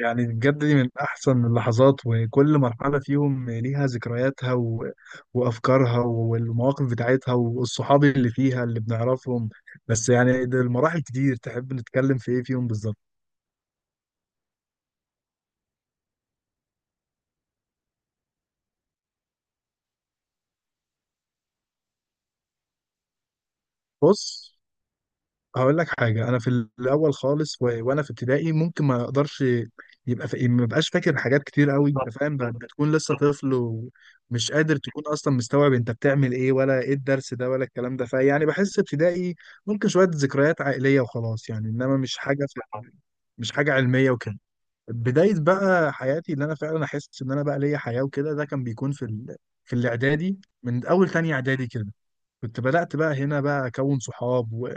يعني بجد دي من أحسن اللحظات، وكل مرحلة فيهم ليها ذكرياتها وأفكارها والمواقف بتاعتها والصحاب اللي فيها اللي بنعرفهم. بس يعني ده المراحل كتير، تحب نتكلم في إيه فيهم بالظبط؟ بص، هقول لك حاجة. أنا في الأول خالص وأنا في ابتدائي ممكن ما أقدرش، يبقى ما بقاش فاكر حاجات كتير قوي. أنت فاهم، بتكون لسه طفل ومش قادر تكون أصلا مستوعب أنت بتعمل إيه، ولا إيه الدرس ده، ولا الكلام ده. فيعني بحس ابتدائي ممكن شوية ذكريات عائلية وخلاص يعني، إنما مش حاجة مش حاجة علمية وكده. بداية بقى حياتي اللي أنا فعلا أحس إن أنا بقى ليا حياة وكده، ده كان بيكون في في الإعدادي، من أول تانية إعدادي كده. كنت بدأت بقى هنا بقى أكون صحاب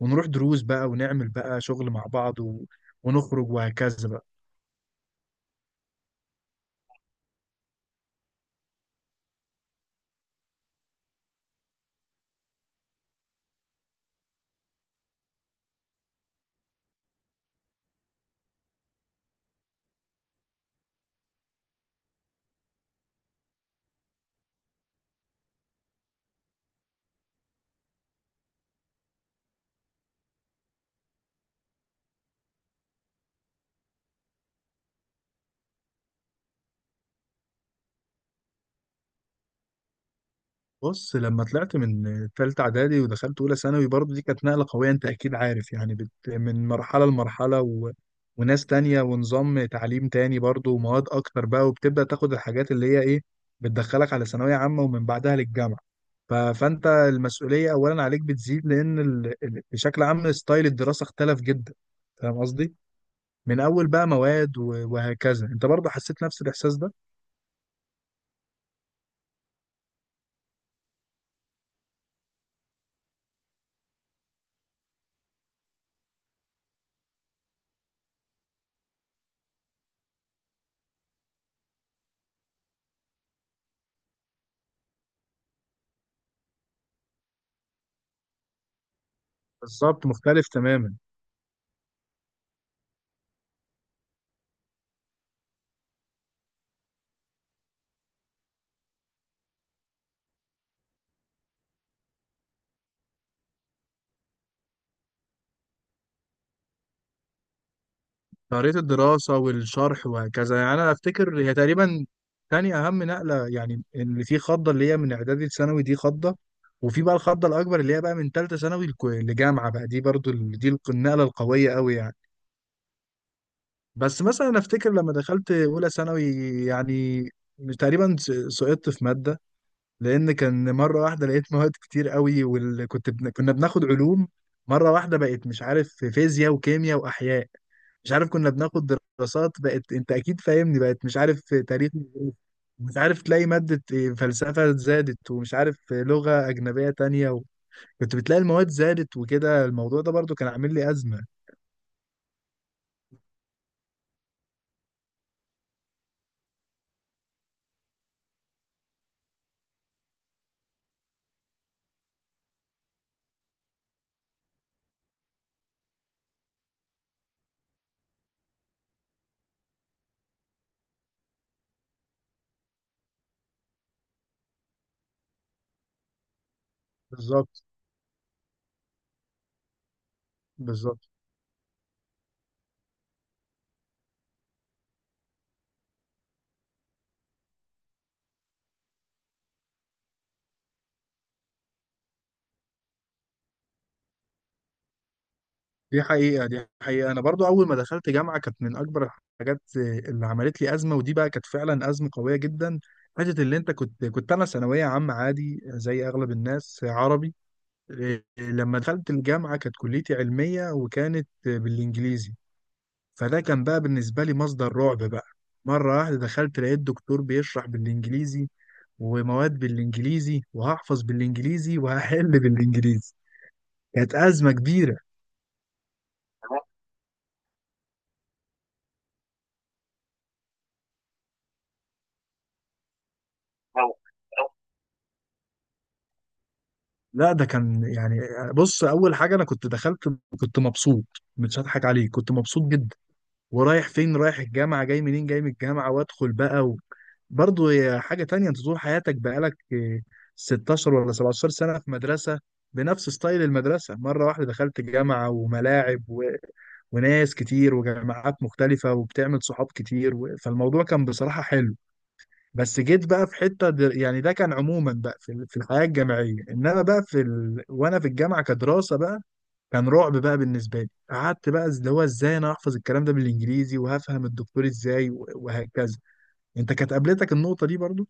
ونروح دروس بقى، ونعمل بقى شغل مع بعض ونخرج وهكذا بقى. بص، لما طلعت من تالتة إعدادي ودخلت أولى ثانوي، برضه دي كانت نقلة قوية. أنت أكيد عارف يعني، من مرحلة لمرحلة وناس تانية ونظام تعليم تاني برضه، ومواد أكتر بقى، وبتبدأ تاخد الحاجات اللي هي إيه، بتدخلك على ثانوية عامة، ومن بعدها للجامعة. فأنت المسؤولية أولا عليك بتزيد، لأن بشكل عام ستايل الدراسة اختلف جدا. فاهم قصدي؟ من اول بقى مواد وهكذا. انت برضه حسيت نفس الاحساس ده؟ بالظبط، مختلف تماما. طريقه الدراسه والشرح وهكذا. يعني انا افتكر هي تقريبا تاني اهم نقله، يعني اللي في خضه اللي هي من اعدادي لثانوي، دي خضه، وفي بقى الخضه الاكبر اللي هي بقى من ثالثه ثانوي لجامعه بقى. دي برضه دي النقله القويه قوي يعني. بس مثلا افتكر لما دخلت اولى ثانوي، يعني تقريبا سقطت في ماده، لان كان مره واحده لقيت مواد كتير قوي. وكنت كنا بناخد علوم، مره واحده بقت مش عارف في فيزياء وكيمياء واحياء، مش عارف كنا بناخد دراسات، بقت انت اكيد فاهمني، بقت مش عارف في تاريخ، مش عارف تلاقي ماده إيه، فلسفه زادت، ومش عارف في لغه اجنبيه تانية كنت بتلاقي المواد زادت وكده. الموضوع ده برضو كان عامل لي ازمه. بالظبط بالظبط. دي حقيقة. أنا برضو أول ما دخلت جامعة كانت من أكبر الحاجات اللي عملت لي أزمة، ودي بقى كانت فعلا أزمة قوية جدا. حتة اللي أنت كنت، أنا ثانوية عامة عادي زي أغلب الناس، عربي إيه، لما دخلت الجامعة كانت كليتي علمية وكانت بالإنجليزي. فده كان بقى بالنسبة لي مصدر رعب بقى. مرة واحدة دخلت لقيت دكتور بيشرح بالإنجليزي ومواد بالإنجليزي، وهحفظ بالإنجليزي وهحل بالإنجليزي. كانت أزمة كبيرة. لا، ده كان يعني، بص اول حاجه انا كنت دخلت كنت مبسوط، مش هضحك عليك، كنت مبسوط جدا. ورايح فين؟ رايح الجامعه. جاي منين؟ جاي من الجامعه. وادخل بقى برضه هي حاجه تانية، انت طول حياتك بقالك إيه، 16 ولا 17 سنه في مدرسه بنفس ستايل المدرسه. مره واحده دخلت جامعه، وملاعب وناس كتير وجامعات مختلفه، وبتعمل صحاب كتير فالموضوع كان بصراحه حلو. بس جيت بقى في حته يعني ده كان عموما بقى في في الحياه الجامعيه، انما بقى في وانا في الجامعه كدراسه بقى كان رعب بقى بالنسبه لي. قعدت بقى اللي هو ازاي انا احفظ الكلام ده بالانجليزي، وهفهم الدكتور ازاي وهكذا. انت كانت قابلتك النقطه دي برضو؟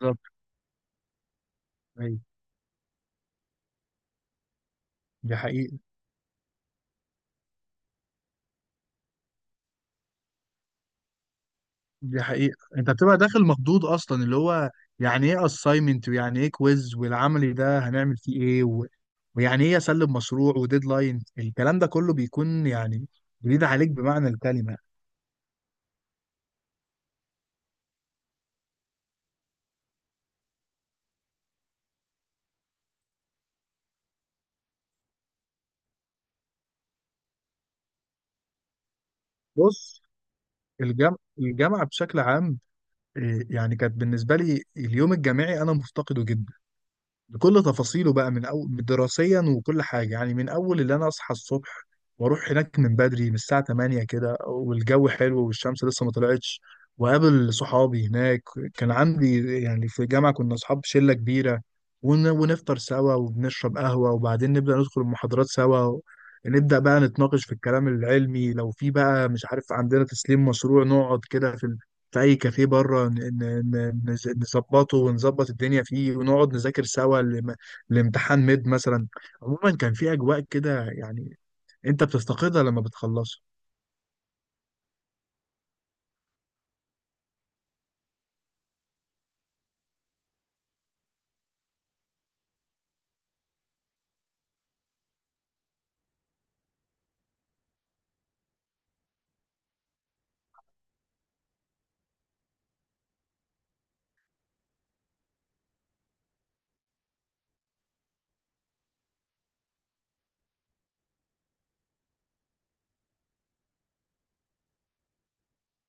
بالظبط. ايوه. دي حقيقه. دي حقيقه، انت بتبقى داخل مخضوض اصلا. اللي هو يعني ايه اساينمنت، ويعني ايه كويز، والعملي ده هنعمل فيه ايه ويعني ايه اسلم مشروع وديدلاين. الكلام ده كله بيكون يعني جديد عليك بمعنى الكلمه. بص، الجامعة، بشكل عام إيه، يعني كانت بالنسبة لي اليوم الجامعي أنا مفتقده جدا بكل تفاصيله بقى، من أول دراسيا وكل حاجة. يعني من أول اللي أنا أصحى الصبح وأروح هناك من بدري من الساعة 8 كده، والجو حلو والشمس لسه ما طلعتش، وقابل صحابي هناك. كان عندي يعني في الجامعة كنا أصحاب شلة كبيرة، ونفطر سوا، وبنشرب قهوة، وبعدين نبدأ ندخل المحاضرات سوا، نبدأ بقى نتناقش في الكلام العلمي. لو في بقى مش عارف عندنا تسليم مشروع، نقعد كده في اي كافيه بره نظبطه ونظبط الدنيا فيه، ونقعد نذاكر سوا لامتحان ميد مثلا. عموما كان في اجواء كده يعني، انت بتفتقدها لما بتخلصه.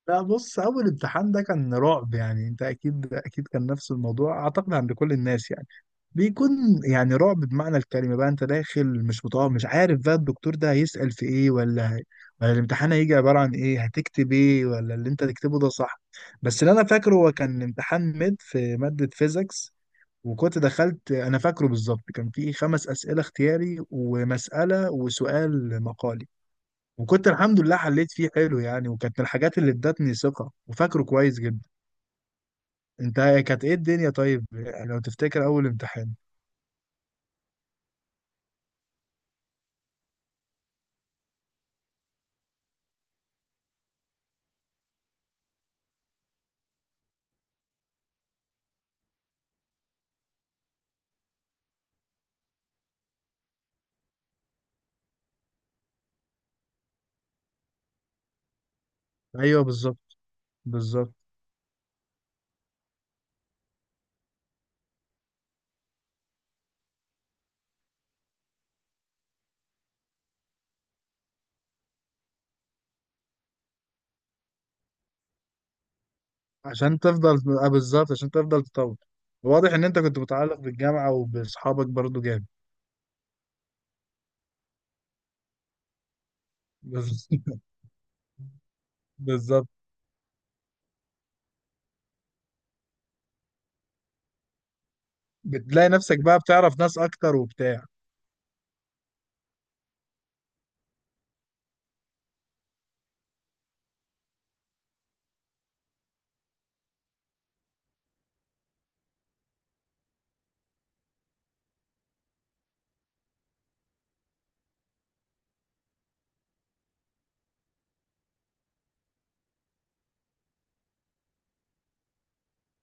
لا، بص اول امتحان ده كان رعب يعني، انت اكيد كان نفس الموضوع اعتقد عند كل الناس يعني. بيكون يعني رعب بمعنى الكلمة بقى، انت داخل مش مطمئن، مش عارف بقى الدكتور ده هيسأل في ايه، ولا الامتحان هيجي عبارة عن ايه، هتكتب ايه، ولا اللي انت تكتبه ده صح. بس اللي انا فاكره هو كان امتحان ميد في مادة فيزيكس. وكنت دخلت انا فاكره بالظبط كان فيه خمس أسئلة اختياري ومسألة وسؤال مقالي. وكنت الحمد لله حليت فيه حلو يعني، وكانت من الحاجات اللي ادتني ثقة وفاكره كويس جدا. انت كانت ايه الدنيا طيب، لو تفتكر اول امتحان؟ ايوه بالظبط. بالظبط عشان تفضل، آه، بالظبط عشان تفضل تطور. واضح ان انت كنت متعلق بالجامعة وباصحابك برضو جامد. بز- بالظبط. بتلاقي نفسك بقى بتعرف ناس اكتر وبتاع.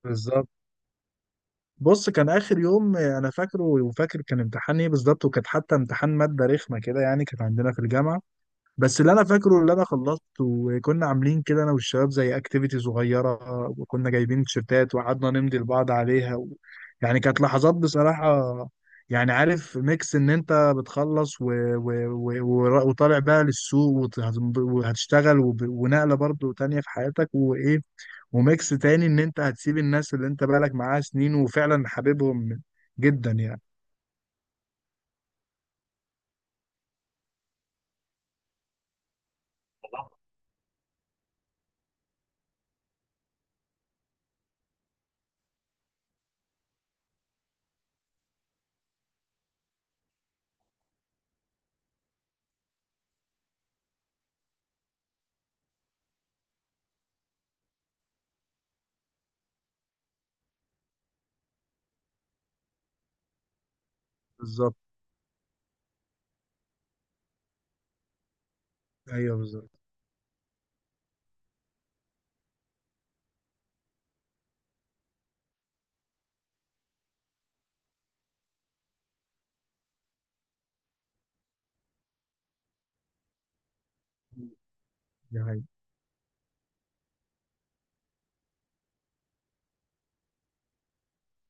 بالظبط. بص، كان اخر يوم آه، انا فاكره، وفاكر كان امتحان ايه بالظبط، وكانت حتى امتحان مادة رخمة كده يعني، كانت عندنا في الجامعة. بس اللي انا فاكره اللي انا خلصت، وكنا عاملين كده انا والشباب زي اكتيفيتي صغيره، وكنا جايبين تيشيرتات وقعدنا نمضي لبعض عليها يعني كانت لحظات بصراحه. يعني عارف، ميكس ان انت بتخلص وطالع بقى للسوق وهتشتغل ونقله برضو تانية في حياتك وايه، وميكس تاني ان انت هتسيب الناس اللي انت بقالك معاها سنين وفعلا حاببهم جدا يعني. بالظبط. ايوه بالظبط. دي حقيقة.